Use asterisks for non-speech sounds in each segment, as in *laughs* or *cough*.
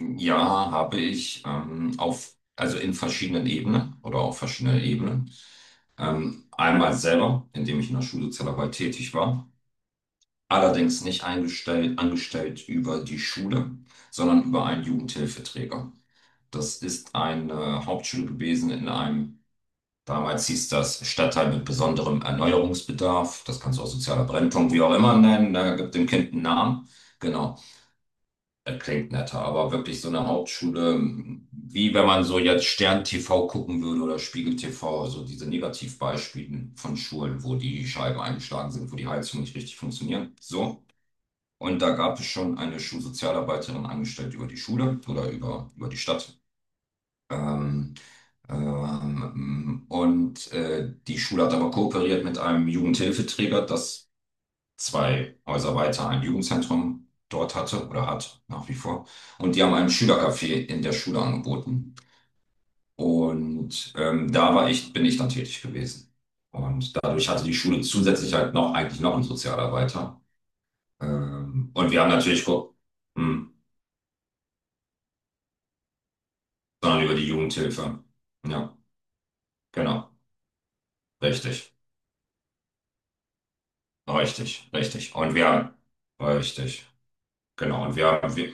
Ja, habe ich auf, also in verschiedenen Ebenen oder auf verschiedenen Ebenen. Einmal selber, indem ich in der Schulsozialarbeit tätig war. Allerdings nicht eingestellt, angestellt über die Schule, sondern über einen Jugendhilfeträger. Das ist eine Hauptschule gewesen in einem, damals hieß das Stadtteil mit besonderem Erneuerungsbedarf. Das kannst du auch sozialer Brennpunkt, wie auch immer nennen. Da gibt dem Kind einen Namen. Genau. Das klingt netter, aber wirklich so eine Hauptschule, wie wenn man so jetzt Stern TV gucken würde oder Spiegel TV, so diese Negativbeispiele von Schulen, wo die Scheiben eingeschlagen sind, wo die Heizung nicht richtig funktioniert. So. Und da gab es schon eine Schulsozialarbeiterin angestellt über die Schule oder über die Stadt. Ähm, Die Schule hat aber kooperiert mit einem Jugendhilfeträger, dass zwei Häuser weiter ein Jugendzentrum dort hatte oder hat nach wie vor. Und die haben ein Schülercafé in der Schule angeboten. Und da war ich, bin ich dann tätig gewesen. Und dadurch hatte die Schule zusätzlich halt noch eigentlich noch einen Sozialarbeiter. Und wir haben natürlich geguckt, hm, sondern über die Jugendhilfe. Ja, genau. Richtig. Richtig, richtig. Und wir haben, richtig, genau. Und wir,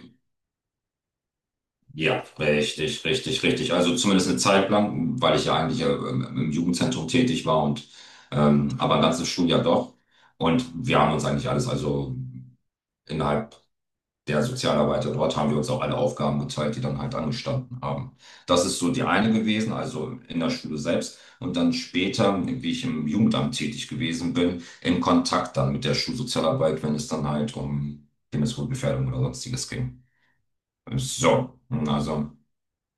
ja, richtig, richtig, richtig. Also zumindest eine Zeit lang, weil ich ja eigentlich im Jugendzentrum tätig war und aber ein ganzes Schuljahr doch. Und wir haben uns eigentlich alles, also innerhalb der Sozialarbeiter dort haben wir uns auch alle Aufgaben geteilt, die dann halt angestanden haben. Das ist so die eine gewesen, also in der Schule selbst. Und dann später, wie ich im Jugendamt tätig gewesen bin, im Kontakt dann mit der Schulsozialarbeit, wenn es dann halt um Kindeswohlgefährdung oder sonstiges ging. So, also.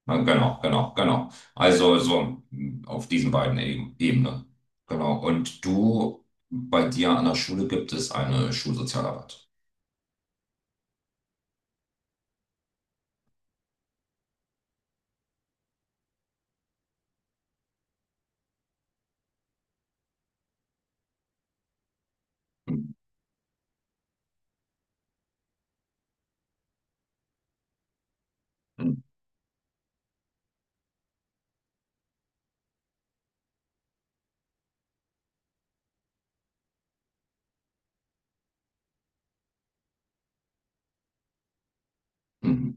Ja, genau, genau, genau. Also so mh, auf diesen beiden Ebenen. Genau. Und du, bei dir an der Schule gibt es eine Schulsozialarbeit. Mhm, mhm,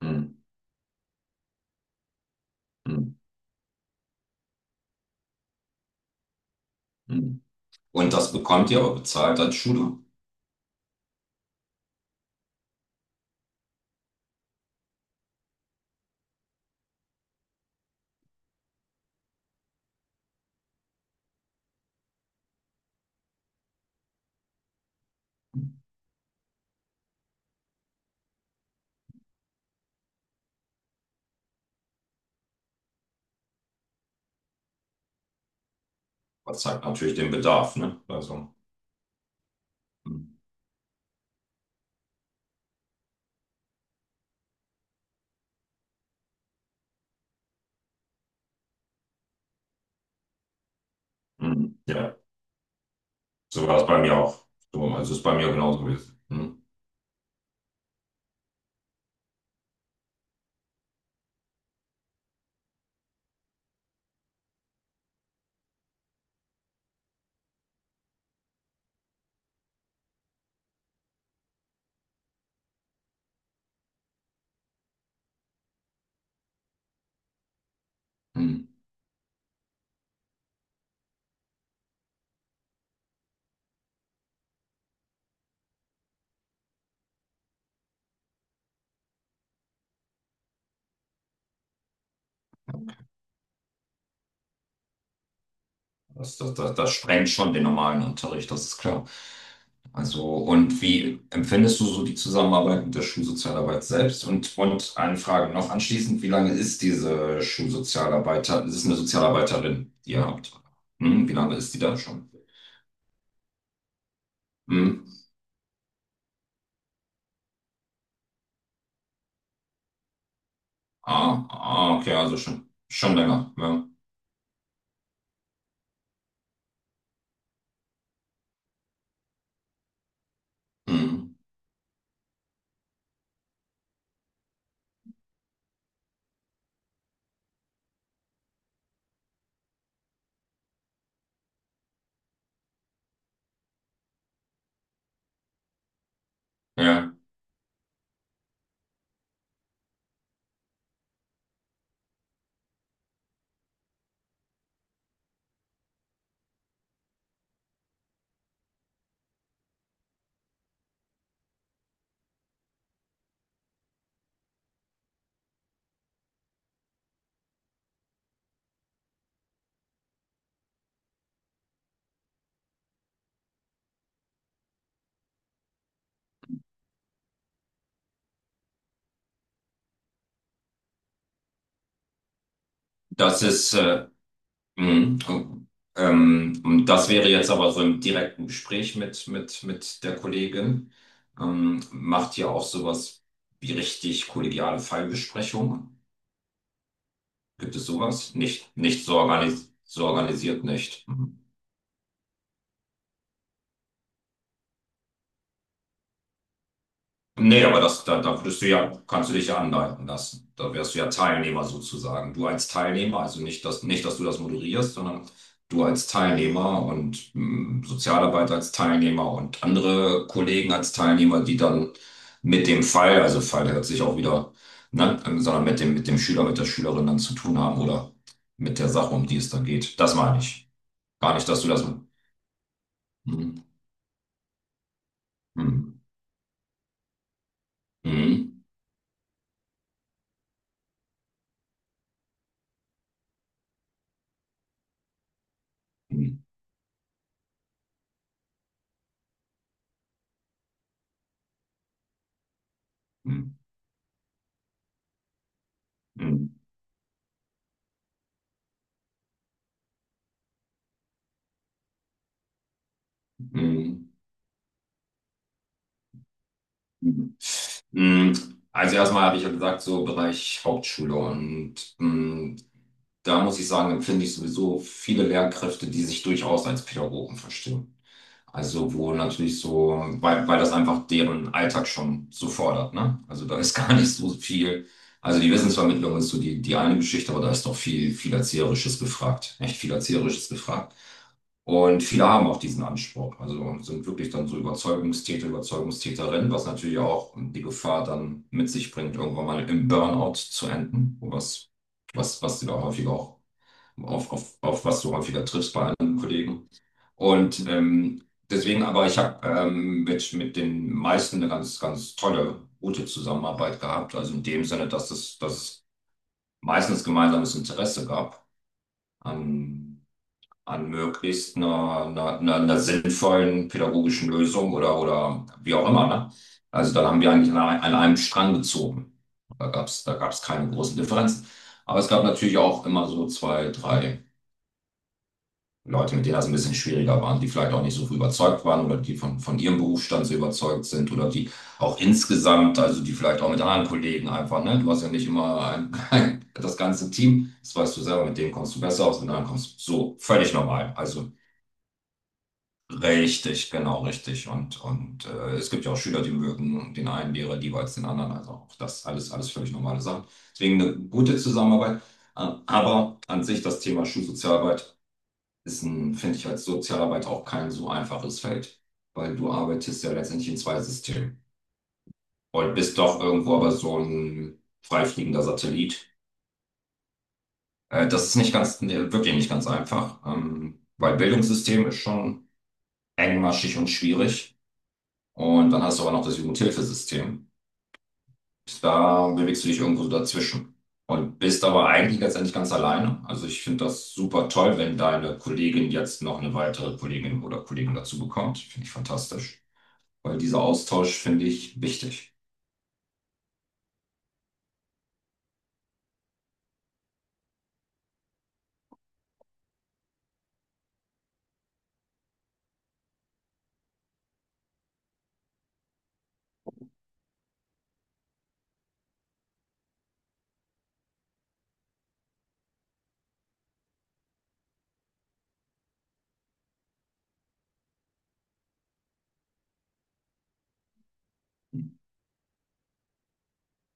mhm, mhm, mhm. Und das bekommt ihr aber bezahlt als Schule. Das zeigt natürlich den Bedarf, ne? Also, mhm, mhm. Ja, so war es bei mir auch. So, also ist bei mir genauso gewesen. Mhm, mhm. Das sprengt schon den normalen Unterricht, das ist klar. Also, und wie empfindest du so die Zusammenarbeit mit der Schulsozialarbeit selbst? Und eine Frage noch anschließend, wie lange ist diese Schulsozialarbeiter, es ist eine Sozialarbeiterin, die ihr habt? Hm, wie lange ist die da schon? Hm? Ah, ah, okay, also schon, schon länger, ja. Hm, ja, das ist, mhm. Und das wäre jetzt aber so im direkten Gespräch mit, mit der Kollegin. Macht ihr auch sowas wie richtig kollegiale Fallbesprechung? Gibt es sowas? Nicht, nicht so organis so organisiert nicht. Mhm. Nee, aber das, da, da würdest du ja, kannst du dich ja anleiten lassen. Da wärst du ja Teilnehmer sozusagen. Du als Teilnehmer, also nicht, dass, nicht, dass du das moderierst, sondern du als Teilnehmer und mh, Sozialarbeiter als Teilnehmer und andere Kollegen als Teilnehmer, die dann mit dem Fall, also Fall hört sich auch wieder, ne, sondern mit dem Schüler, mit der Schülerin dann zu tun haben oder mit der Sache, um die es dann geht. Das meine ich. Gar nicht, dass du das. Mhm. Mhm. Mhm. Mhm. Mhm. Mhm. Mhm. Mm, also erstmal habe ich ja gesagt, so Bereich Hauptschule und mm, da muss ich sagen, empfinde ich sowieso viele Lehrkräfte, die sich durchaus als Pädagogen verstehen. Also wo natürlich so, weil, weil das einfach deren Alltag schon so fordert, ne? Also da ist *laughs* gar nicht so viel. Also die Wissensvermittlung ist so die, die eine Geschichte, aber da ist doch viel, viel Erzieherisches gefragt. Echt viel Erzieherisches gefragt. Und viele haben auch diesen Anspruch. Also sind wirklich dann so Überzeugungstäter, Überzeugungstäterinnen, was natürlich auch die Gefahr dann mit sich bringt, irgendwann mal im Burnout zu enden, was, was sie da häufig auch auf was du häufiger triffst bei anderen Kollegen. Und deswegen, aber ich habe mit den meisten eine ganz, ganz tolle, gute Zusammenarbeit gehabt. Also in dem Sinne, dass es meistens gemeinsames Interesse gab an, an möglichst einer sinnvollen pädagogischen Lösung oder wie auch immer. Ne? Also dann haben wir eigentlich an, an einem Strang gezogen. Da gab's keine großen Differenzen. Aber es gab natürlich auch immer so zwei, drei. Leute, mit denen das ein bisschen schwieriger waren, die vielleicht auch nicht so überzeugt waren oder die von ihrem Berufsstand so überzeugt sind oder die auch insgesamt, also die vielleicht auch mit anderen Kollegen einfach, ne? Du hast ja nicht immer das ganze Team, das weißt du selber, mit denen kommst du besser aus, mit anderen kommst du so völlig normal. Also richtig, genau richtig. Und es gibt ja auch Schüler, die mögen den einen Lehrer lieber als den anderen. Also auch das alles, alles völlig normale Sachen. Deswegen eine gute Zusammenarbeit. Aber an sich das Thema Schulsozialarbeit ist ein, finde ich, als Sozialarbeit auch kein so einfaches Feld, weil du arbeitest ja letztendlich in zwei Systemen und bist doch irgendwo aber so ein freifliegender Satellit. Das ist nicht ganz, nee, wirklich nicht ganz einfach, weil Bildungssystem ist schon engmaschig und schwierig und dann hast du aber noch das Jugendhilfesystem. Da bewegst du dich irgendwo so dazwischen. Und bist aber eigentlich letztendlich ganz alleine. Also ich finde das super toll, wenn deine Kollegin jetzt noch eine weitere Kollegin oder Kollegen dazu bekommt. Finde ich fantastisch. Weil dieser Austausch finde ich wichtig.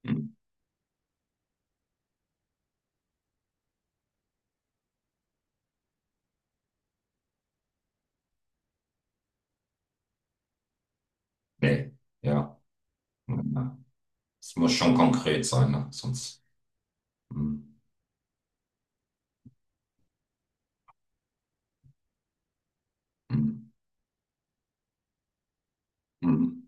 Hm. Nee, ja. Ja. Es muss schon konkret sein, ne? Sonst. Hm. Hm. Hm.